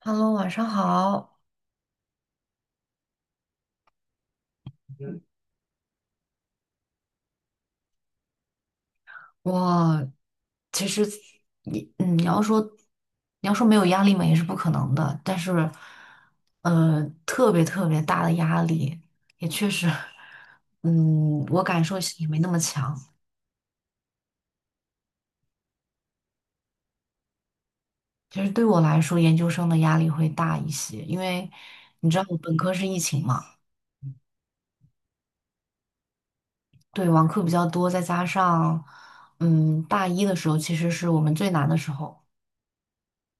Hello，晚上好。我其实你嗯，你要说没有压力嘛，也是不可能的。但是，特别特别大的压力，也确实，我感受也没那么强。其实对我来说，研究生的压力会大一些，因为你知道我本科是疫情嘛。对，网课比较多，再加上大一的时候其实是我们最难的时候。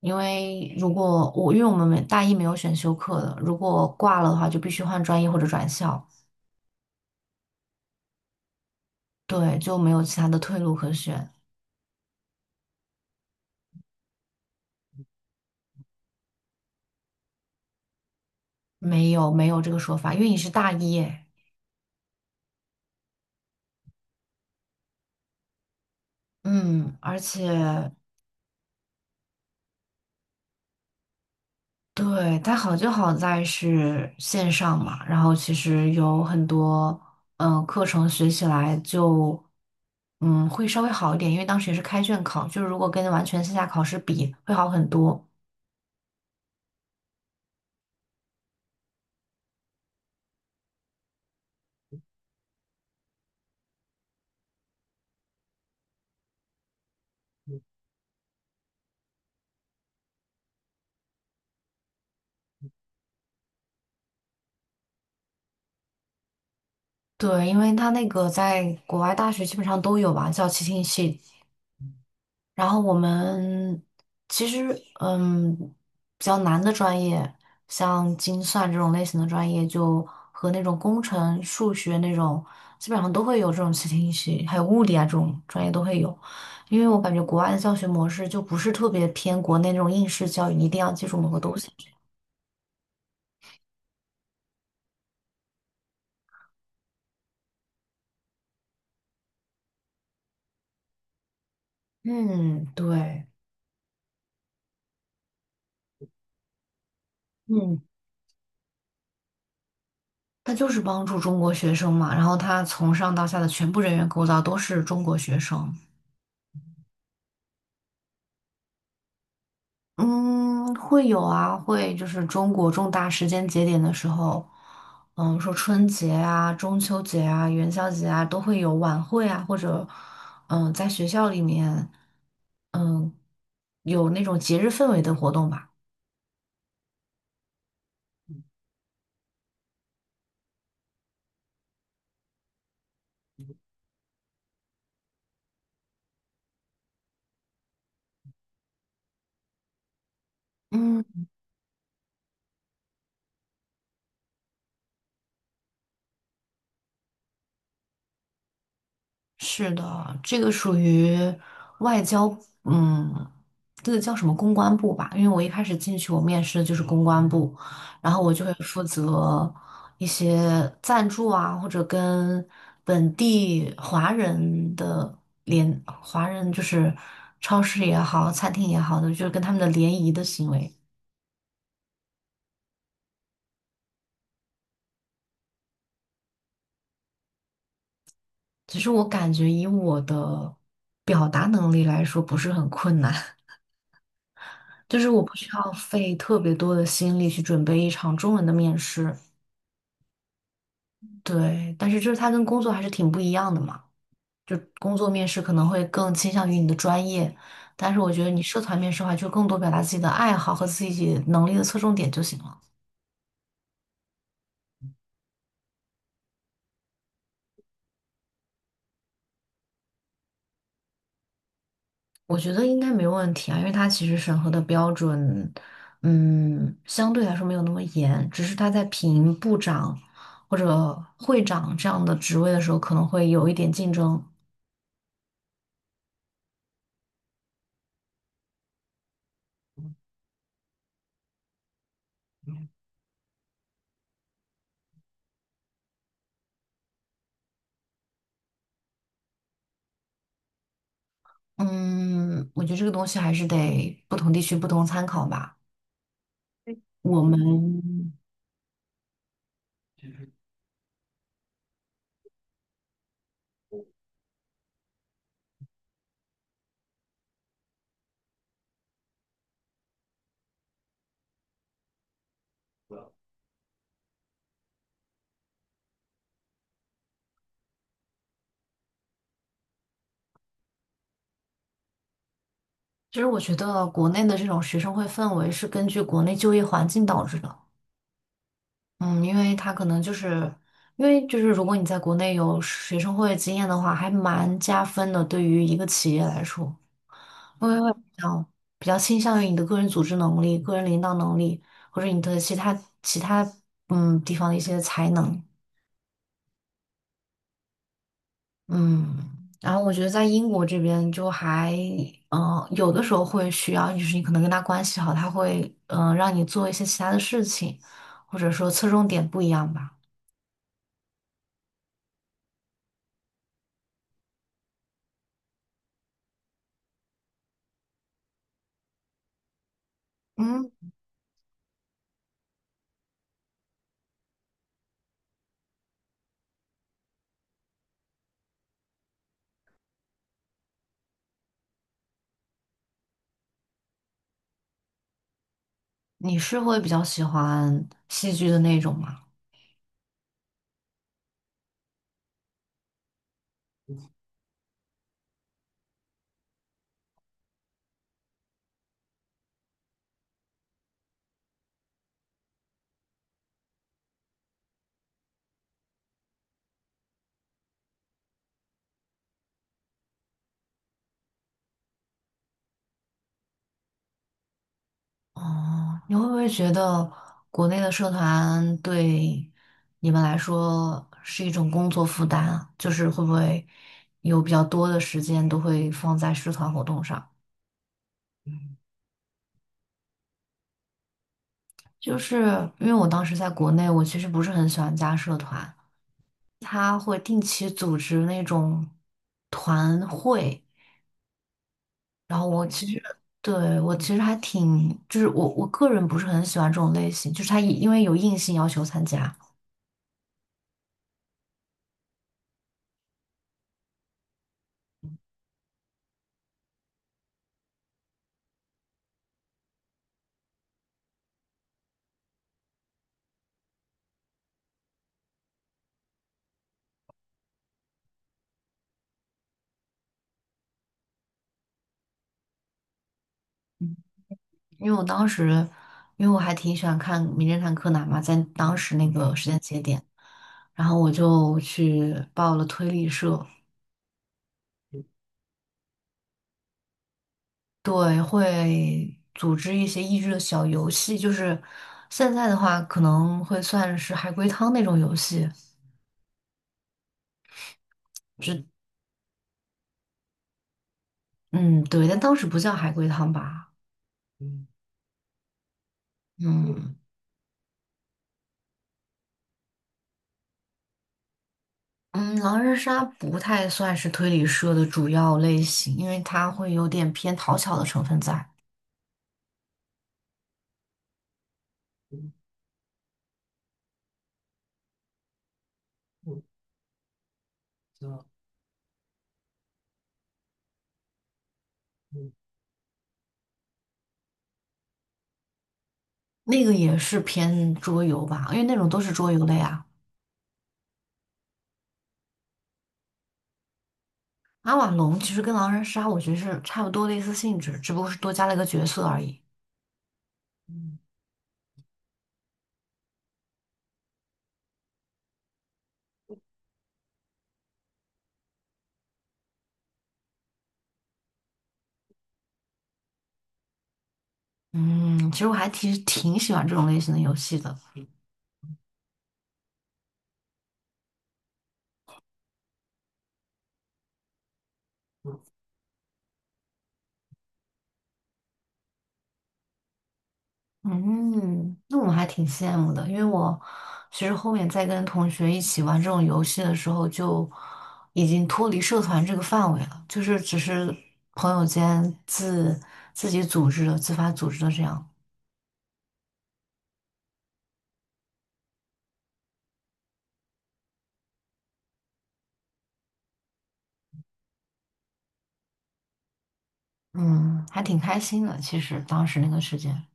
因为我们没大一没有选修课的，如果挂了的话，就必须换专业或者转校。对，就没有其他的退路可选。没有没有这个说法，因为你是大一耶。嗯，而且对，它好就好在是线上嘛，然后其实有很多课程学起来就会稍微好一点，因为当时也是开卷考，就是如果跟完全线下考试比会好很多。对，因为他那个在国外大学基本上都有吧，叫 c 听系。然后我们其实，嗯，比较难的专业，像精算这种类型的专业，就和那种工程、数学那种，基本上都会有这种 c 听系，还有物理啊这种专业都会有。因为我感觉国外的教学模式就不是特别偏国内那种应试教育，你一定要记住某个东西。嗯，对。嗯。他就是帮助中国学生嘛，然后他从上到下的全部人员构造都是中国学生。嗯，会有啊。会就是中国重大时间节点的时候，说春节啊、中秋节啊、元宵节啊，都会有晚会啊，或者在学校里面，嗯，有那种节日氛围的活动吧。嗯。是的，这个属于外交，嗯，这个叫什么公关部吧？因为我一开始进去，我面试的就是公关部，然后我就会负责一些赞助啊，或者跟本地华人的华人就是超市也好，餐厅也好的，就是跟他们的联谊的行为。其实我感觉以我的表达能力来说，不是很困难。就是我不需要费特别多的心力去准备一场中文的面试。对，但是就是它跟工作还是挺不一样的嘛，就工作面试可能会更倾向于你的专业，但是我觉得你社团面试的话，就更多表达自己的爱好和自己能力的侧重点就行了。我觉得应该没问题啊，因为它其实审核的标准，相对来说没有那么严，只是它在评部长或者会长这样的职位的时候，可能会有一点竞争。嗯，我觉得这个东西还是得不同地区不同参考吧。我们其实我觉得国内的这种学生会氛围是根据国内就业环境导致的。嗯，因为就是如果你在国内有学生会经验的话，还蛮加分的，对于一个企业来说，因为会比较倾向于你的个人组织能力、个人领导能力，或者你的其他地方的一些才能。嗯，然后我觉得在英国这边就还，有的时候会需要，就是你可能跟他关系好，他会，让你做一些其他的事情，或者说侧重点不一样吧。嗯，你是会比较喜欢戏剧的那种吗？哦，你会不会觉得国内的社团对你们来说是一种工作负担啊？就是会不会有比较多的时间都会放在社团活动上？就是因为我当时在国内，我其实不是很喜欢加社团，他会定期组织那种团会，然后我其实对我其实还挺，就是我个人不是很喜欢这种类型，就是他因为有硬性要求参加。因为我当时因为我还挺喜欢看《名侦探柯南》嘛，在当时那个时间节点，然后我就去报了推理社。对，会组织一些益智的小游戏，就是现在的话可能会算是海龟汤那种游戏，是嗯对，但当时不叫海龟汤吧。嗯嗯，狼人杀不太算是推理社的主要类型，因为它会有点偏讨巧的成分在。那个也是偏桌游吧，因为那种都是桌游类啊。阿瓦隆其实跟狼人杀我觉得是差不多类似性质，只不过是多加了一个角色而已。嗯，其实我还挺喜欢这种类型的游戏的。嗯，那我还挺羡慕的，因为我其实后面在跟同学一起玩这种游戏的时候，就已经脱离社团这个范围了，就是只是朋友间自己组织的、自发组织的这样。嗯，还挺开心的。其实当时那个时间，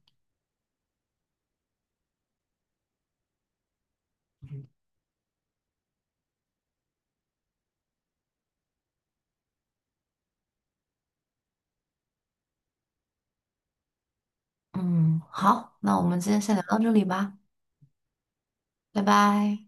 嗯，好，那我们今天先聊到这里吧，拜拜。